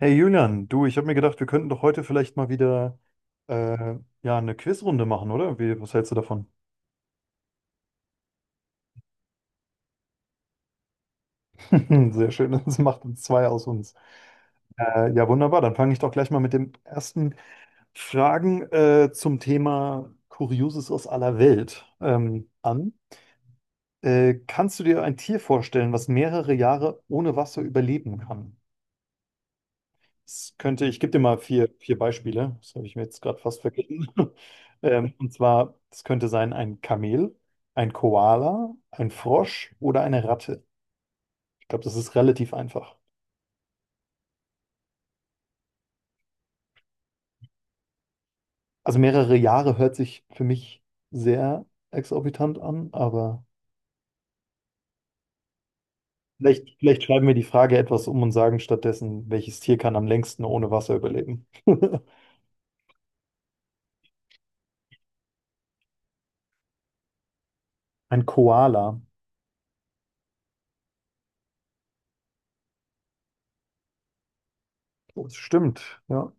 Hey Julian, du, ich habe mir gedacht, wir könnten doch heute vielleicht mal wieder äh, ja, eine Quizrunde machen, oder? Wie, was hältst du davon? Sehr schön, das macht uns zwei aus uns. Ja, wunderbar, dann fange ich doch gleich mal mit den ersten Fragen zum Thema Kurioses aus aller Welt an. Kannst du dir ein Tier vorstellen, was mehrere Jahre ohne Wasser überleben kann? Es könnte, ich gebe dir mal vier Beispiele. Das habe ich mir jetzt gerade fast vergessen. Und zwar, es könnte sein ein Kamel, ein Koala, ein Frosch oder eine Ratte. Ich glaube, das ist relativ einfach. Also mehrere Jahre hört sich für mich sehr exorbitant an, aber vielleicht schreiben wir die Frage etwas um und sagen stattdessen, welches Tier kann am längsten ohne Wasser überleben? Ein Koala. Oh, das stimmt, ja.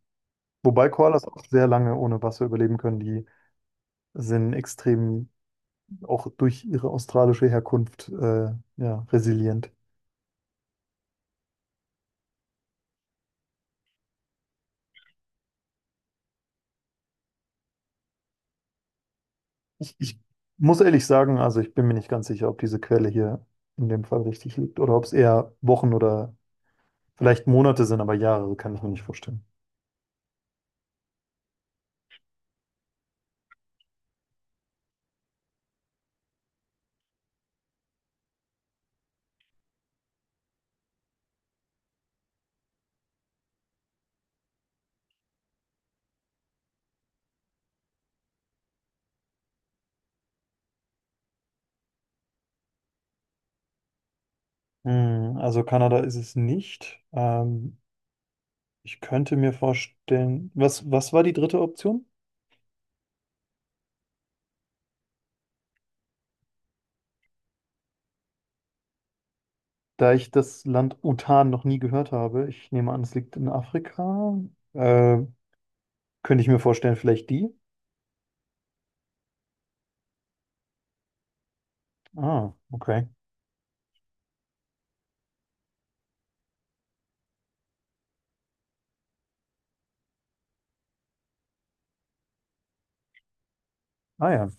Wobei Koalas auch sehr lange ohne Wasser überleben können. Die sind extrem auch durch ihre australische Herkunft, ja, resilient. Ich muss ehrlich sagen, also ich bin mir nicht ganz sicher, ob diese Quelle hier in dem Fall richtig liegt oder ob es eher Wochen oder vielleicht Monate sind, aber Jahre so kann ich mir nicht vorstellen. Hm, also Kanada ist es nicht. Ich könnte mir vorstellen, was, was war die dritte Option? Da ich das Land Bhutan noch nie gehört habe, ich nehme an, es liegt in Afrika. äh, Könnte ich mir vorstellen, vielleicht die? Ah, okay. Ah ja.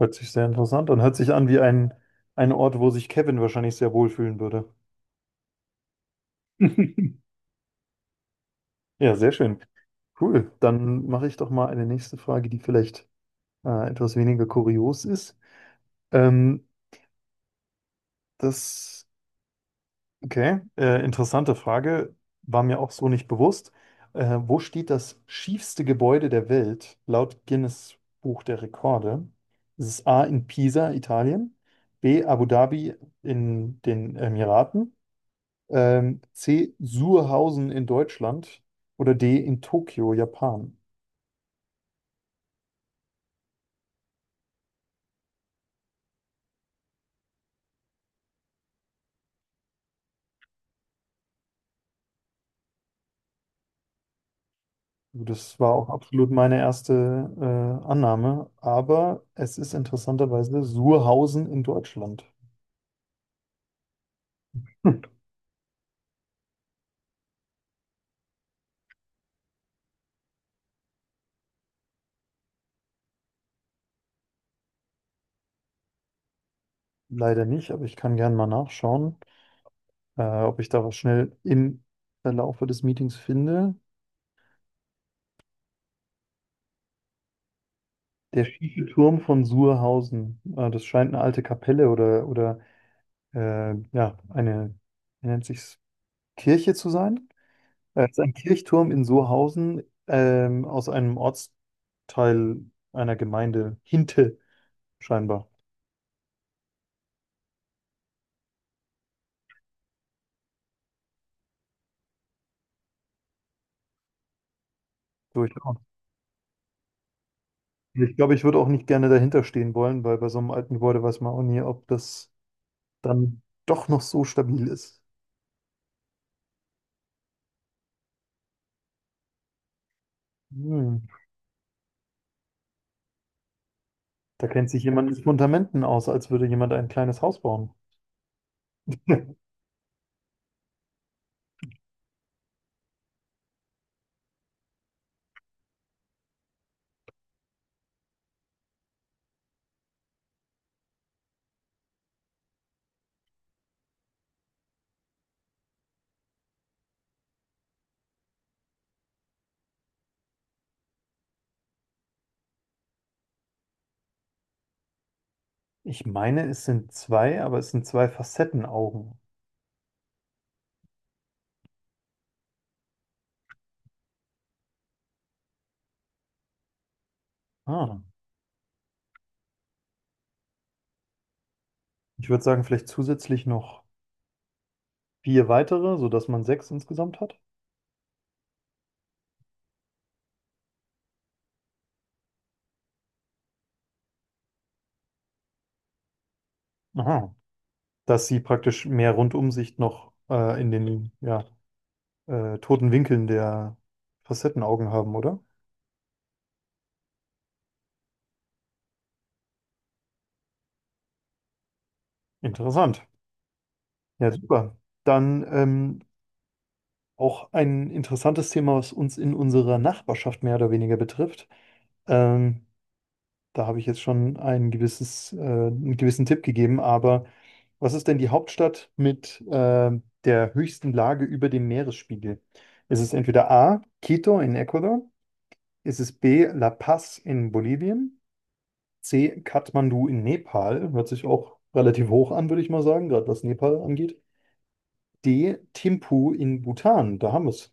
Hört sich sehr interessant an. Hört sich an wie ein Ort, wo sich Kevin wahrscheinlich sehr wohlfühlen würde. Ja, sehr schön. Cool. Dann mache ich doch mal eine nächste Frage, die vielleicht etwas weniger kurios ist. Ähm, das, okay, Interessante Frage, war mir auch so nicht bewusst. Wo steht das schiefste Gebäude der Welt laut Guinness Buch der Rekorde? Ist es A in Pisa, Italien, B Abu Dhabi in den Emiraten, C. Surhausen in Deutschland oder D. in Tokio, Japan? Also das war auch absolut meine erste Annahme, aber es ist interessanterweise Surhausen in Deutschland. Hm. Leider nicht, aber ich kann gerne mal nachschauen, ob ich da was schnell im Verlaufe des Meetings finde. Der schiefe Turm von Surhausen, das scheint eine alte Kapelle oder ja, eine, wie nennt sich's, Kirche zu sein. Er ist ein Kirchturm in Sohausen, aus einem Ortsteil einer Gemeinde, Hinte scheinbar. Durchaus. Ich glaube, ich würde auch nicht gerne dahinter stehen wollen, weil bei so einem alten Gebäude weiß man auch nie, ob das dann doch noch so stabil ist. Hm. Da kennt sich jemand mit Fundamenten aus, als würde jemand ein kleines Haus bauen. Ich meine, es sind zwei, aber es sind zwei Facettenaugen. Ah. Ich würde sagen, vielleicht zusätzlich noch vier weitere, sodass man sechs insgesamt hat. Aha. Dass sie praktisch mehr Rundumsicht noch in den ja, toten Winkeln der Facettenaugen haben, oder? Interessant. Ja, super. Dann auch ein interessantes Thema, was uns in unserer Nachbarschaft mehr oder weniger betrifft. Ähm, da habe ich jetzt schon ein gewisses, einen gewissen Tipp gegeben, aber was ist denn die Hauptstadt mit der höchsten Lage über dem Meeresspiegel? Ist es entweder A, Quito in Ecuador? Ist es B, La Paz in Bolivien? C. Kathmandu in Nepal. Hört sich auch relativ hoch an, würde ich mal sagen, gerade was Nepal angeht. D. Thimphu in Bhutan. Da haben wir es.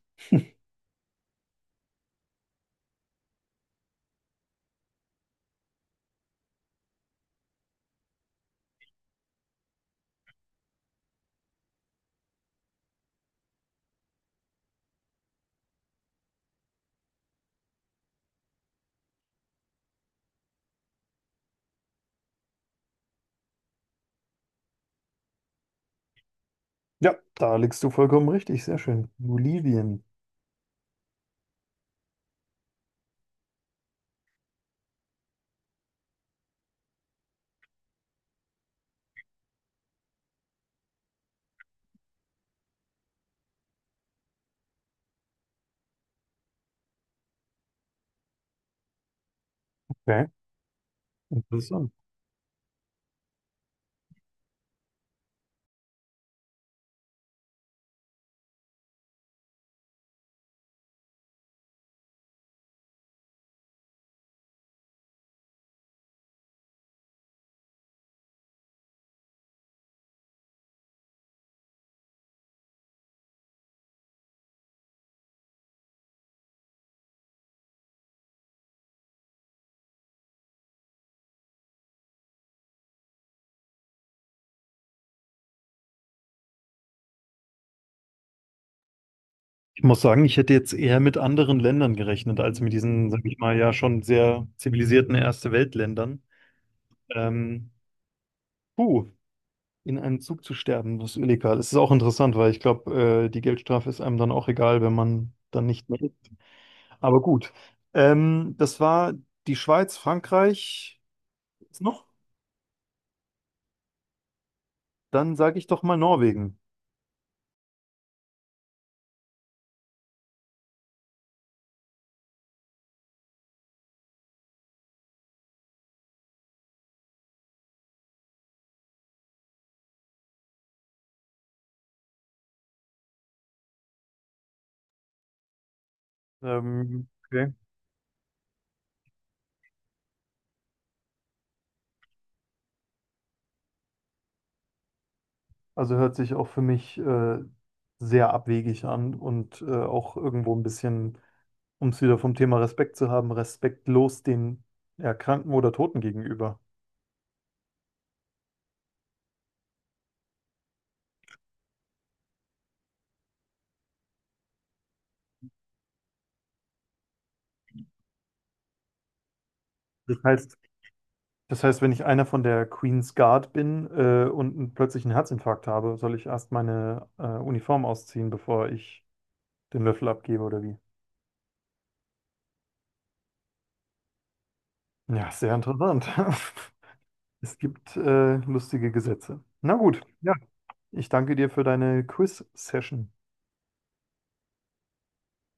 Ja, da liegst du vollkommen richtig. Sehr schön. Bolivien. Okay, interessant. Ich muss sagen, ich hätte jetzt eher mit anderen Ländern gerechnet, als mit diesen, sag ich mal, ja schon sehr zivilisierten Erste-Welt-Ländern. Ähm, puh, in einem Zug zu sterben, das ist illegal. Es ist auch interessant, weil ich glaube, die Geldstrafe ist einem dann auch egal, wenn man dann nicht mehr ist. Aber gut. Das war die Schweiz, Frankreich. Ist noch? Dann sage ich doch mal Norwegen. Okay. Also hört sich auch für mich sehr abwegig an und auch irgendwo ein bisschen, um es wieder vom Thema Respekt zu haben, respektlos den Erkrankten oder Toten gegenüber. Das heißt, das heißt, wenn ich einer von der Queen's Guard bin und einen plötzlichen Herzinfarkt habe, soll ich erst meine Uniform ausziehen, bevor ich den Löffel abgebe oder wie? Ja, sehr interessant. Es gibt lustige Gesetze. Na gut, ja, ich danke dir für deine Quiz-Session.